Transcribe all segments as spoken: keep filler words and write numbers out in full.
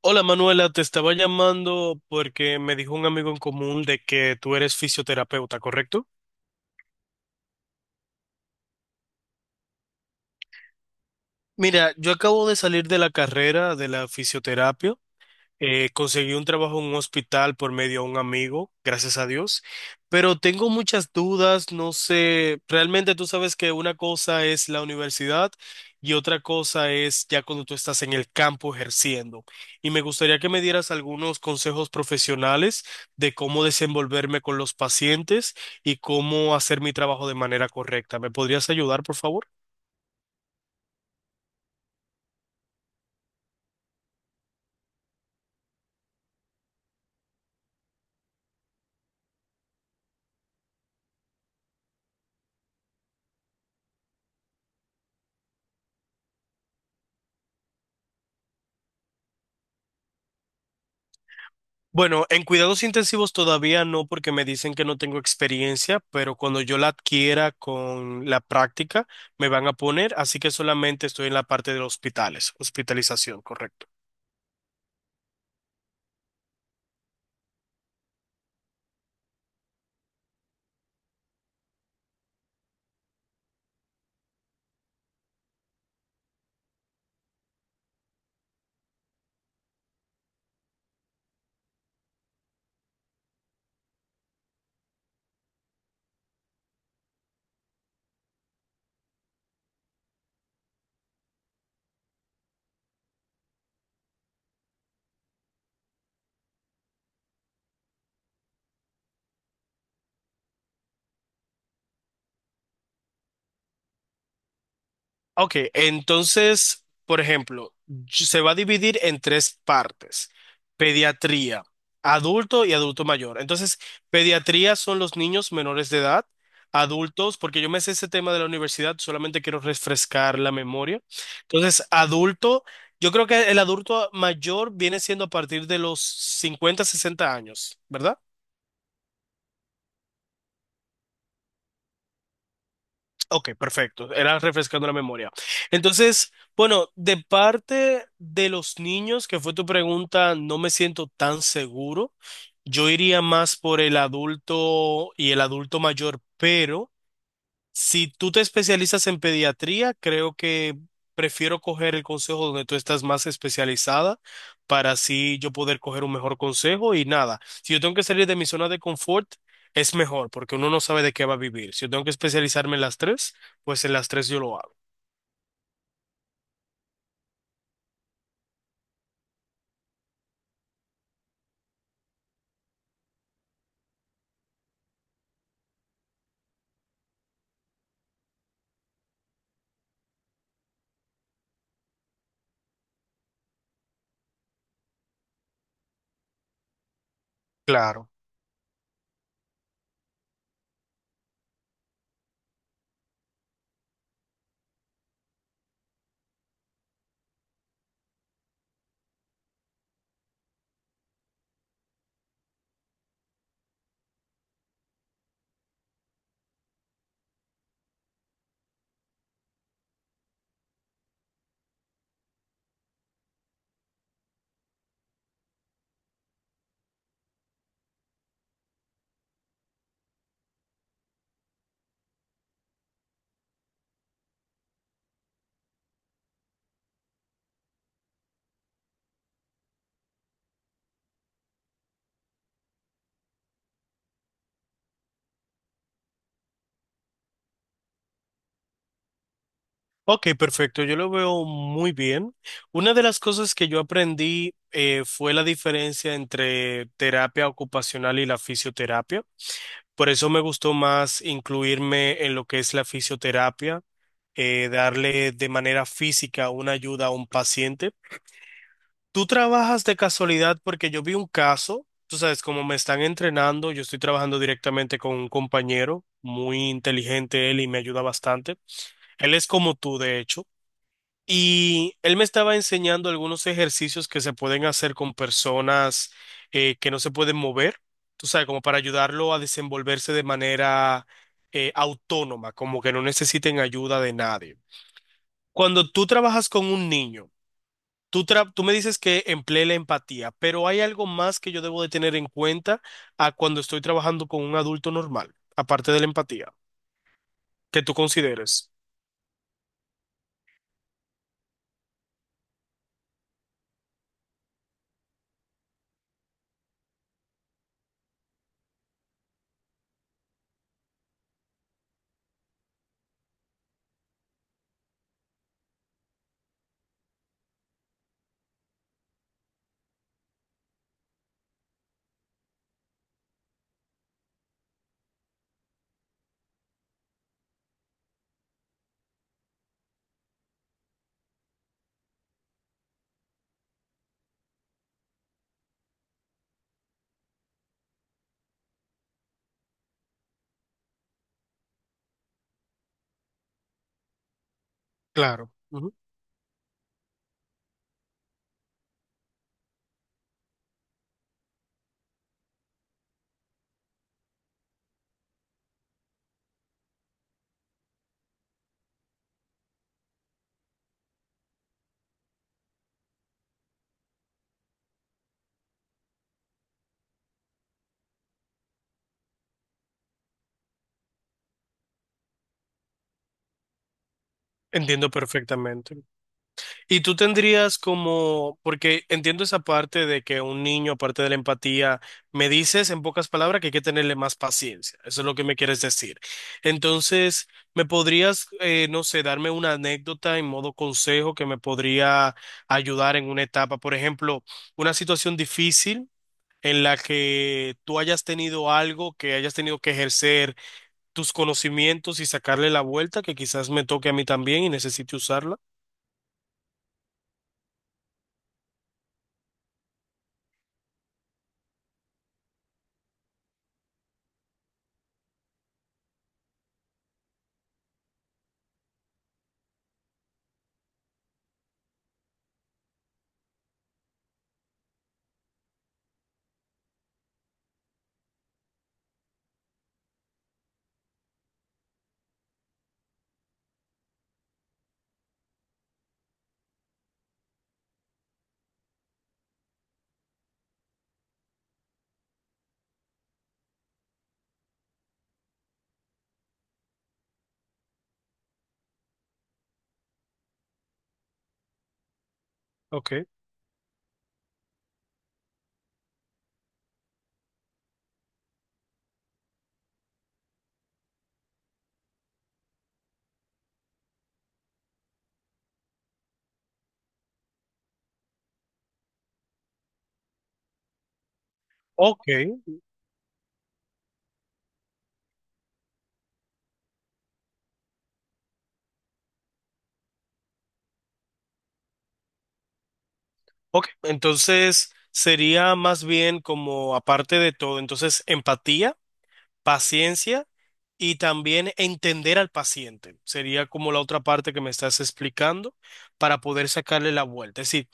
Hola Manuela, te estaba llamando porque me dijo un amigo en común de que tú eres fisioterapeuta, ¿correcto? Mira, yo acabo de salir de la carrera de la fisioterapia. Eh, conseguí un trabajo en un hospital por medio de un amigo, gracias a Dios, pero tengo muchas dudas, no sé, realmente tú sabes que una cosa es la universidad y otra cosa es ya cuando tú estás en el campo ejerciendo. Y me gustaría que me dieras algunos consejos profesionales de cómo desenvolverme con los pacientes y cómo hacer mi trabajo de manera correcta. ¿Me podrías ayudar, por favor? Bueno, en cuidados intensivos todavía no, porque me dicen que no tengo experiencia, pero cuando yo la adquiera con la práctica, me van a poner, así que solamente estoy en la parte de los hospitales, hospitalización, correcto. Ok, entonces, por ejemplo, y- se va a dividir en tres partes. Pediatría, adulto y adulto mayor. Entonces, pediatría son los niños menores de edad, adultos, porque yo me sé ese tema de la universidad, solamente quiero refrescar la memoria. Entonces, adulto, yo creo que el adulto mayor viene siendo a partir de los cincuenta, sesenta años, ¿verdad? Ok, perfecto. Era refrescando la memoria. Entonces, bueno, de parte de los niños, que fue tu pregunta, no me siento tan seguro. Yo iría más por el adulto y el adulto mayor, pero... Si tú te especializas en pediatría, creo que prefiero coger el consejo donde tú estás más especializada para así yo poder coger un mejor consejo y nada. Si yo tengo que salir de mi zona de confort, es mejor porque uno no sabe de qué va a vivir. Si yo tengo que especializarme en las tres, pues en las tres yo lo hago. Claro. Ok, perfecto. Yo lo veo muy bien. Una de las cosas que yo aprendí eh, fue la diferencia entre terapia ocupacional y la fisioterapia. Por eso me gustó más incluirme en lo que es la fisioterapia, eh, darle de manera física una ayuda a un paciente. Tú trabajas de casualidad porque yo vi un caso, tú sabes, como me están entrenando, yo estoy trabajando directamente con un compañero muy inteligente él y me ayuda bastante. Él es como tú, de hecho. Y él me estaba enseñando algunos ejercicios que se pueden hacer con personas eh, que no se pueden mover, tú sabes, como para ayudarlo a desenvolverse de manera eh, autónoma, como que no necesiten ayuda de nadie. Cuando tú trabajas con un niño, tú, tra- tú me dices que emplee la empatía, pero hay algo más que yo debo de tener en cuenta a cuando estoy trabajando con un adulto normal, aparte de la empatía, que tú consideres. Claro. Ujú. Entiendo perfectamente. Y tú tendrías como, porque entiendo esa parte de que un niño, aparte de la empatía, me dices en pocas palabras que hay que tenerle más paciencia. Eso es lo que me quieres decir. Entonces, ¿me podrías, eh, no sé, darme una anécdota en modo consejo que me podría ayudar en una etapa? Por ejemplo, una situación difícil en la que tú hayas tenido algo, que hayas tenido que ejercer tus conocimientos y sacarle la vuelta, que quizás me toque a mí también y necesite usarla. Ok. Ok. Ok, entonces sería más bien como aparte de todo, entonces empatía, paciencia y también entender al paciente. Sería como la otra parte que me estás explicando para poder sacarle la vuelta. Es decir,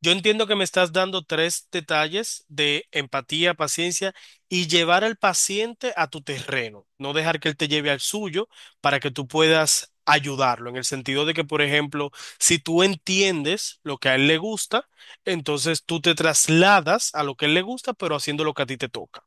yo entiendo que me estás dando tres detalles de empatía, paciencia y llevar al paciente a tu terreno, no dejar que él te lleve al suyo para que tú puedas ayudarlo, en el sentido de que, por ejemplo, si tú entiendes lo que a él le gusta, entonces tú te trasladas a lo que a él le gusta, pero haciendo lo que a ti te toca.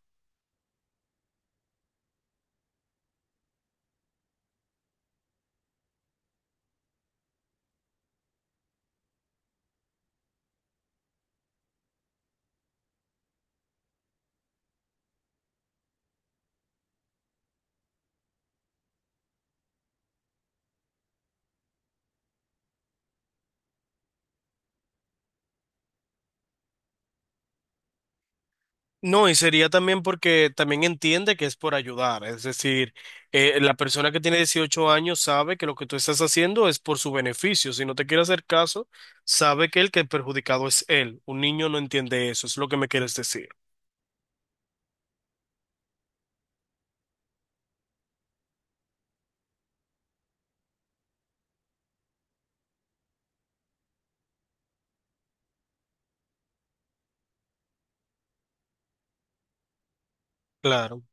No, y sería también porque también entiende que es por ayudar, es decir, eh, la persona que tiene dieciocho años sabe que lo que tú estás haciendo es por su beneficio, si no te quiere hacer caso, sabe que el que el perjudicado es él, un niño no entiende eso, es lo que me quieres decir. Claro,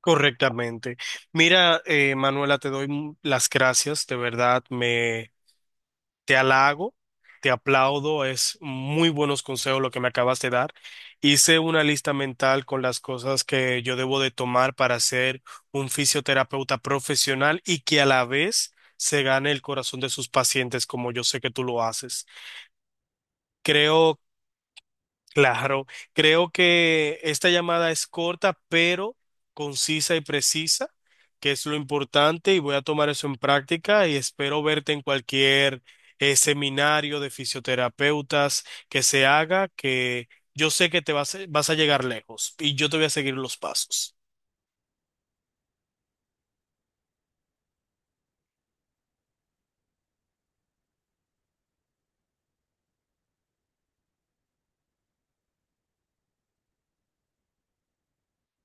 correctamente. Mira, eh, Manuela, te doy m- las gracias, de verdad. Te halago, te aplaudo, es muy buenos consejos lo que me acabas de dar. Hice una lista mental con las cosas que yo debo de tomar para ser un fisioterapeuta profesional y que a la vez se gane el corazón de sus pacientes como yo sé que tú lo haces. Creo Claro, creo que esta llamada es corta, pero concisa y precisa, que es lo importante, y voy a tomar eso en práctica y espero verte en cualquier eh, seminario de fisioterapeutas que se haga, que yo sé que te vas, vas a llegar lejos y yo te voy a seguir los pasos.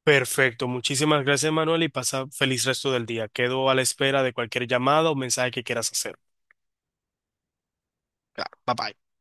Perfecto, muchísimas gracias, Manuel, y pasa feliz resto del día. Quedo a la espera de cualquier llamada o mensaje que quieras hacer. Claro, bye bye.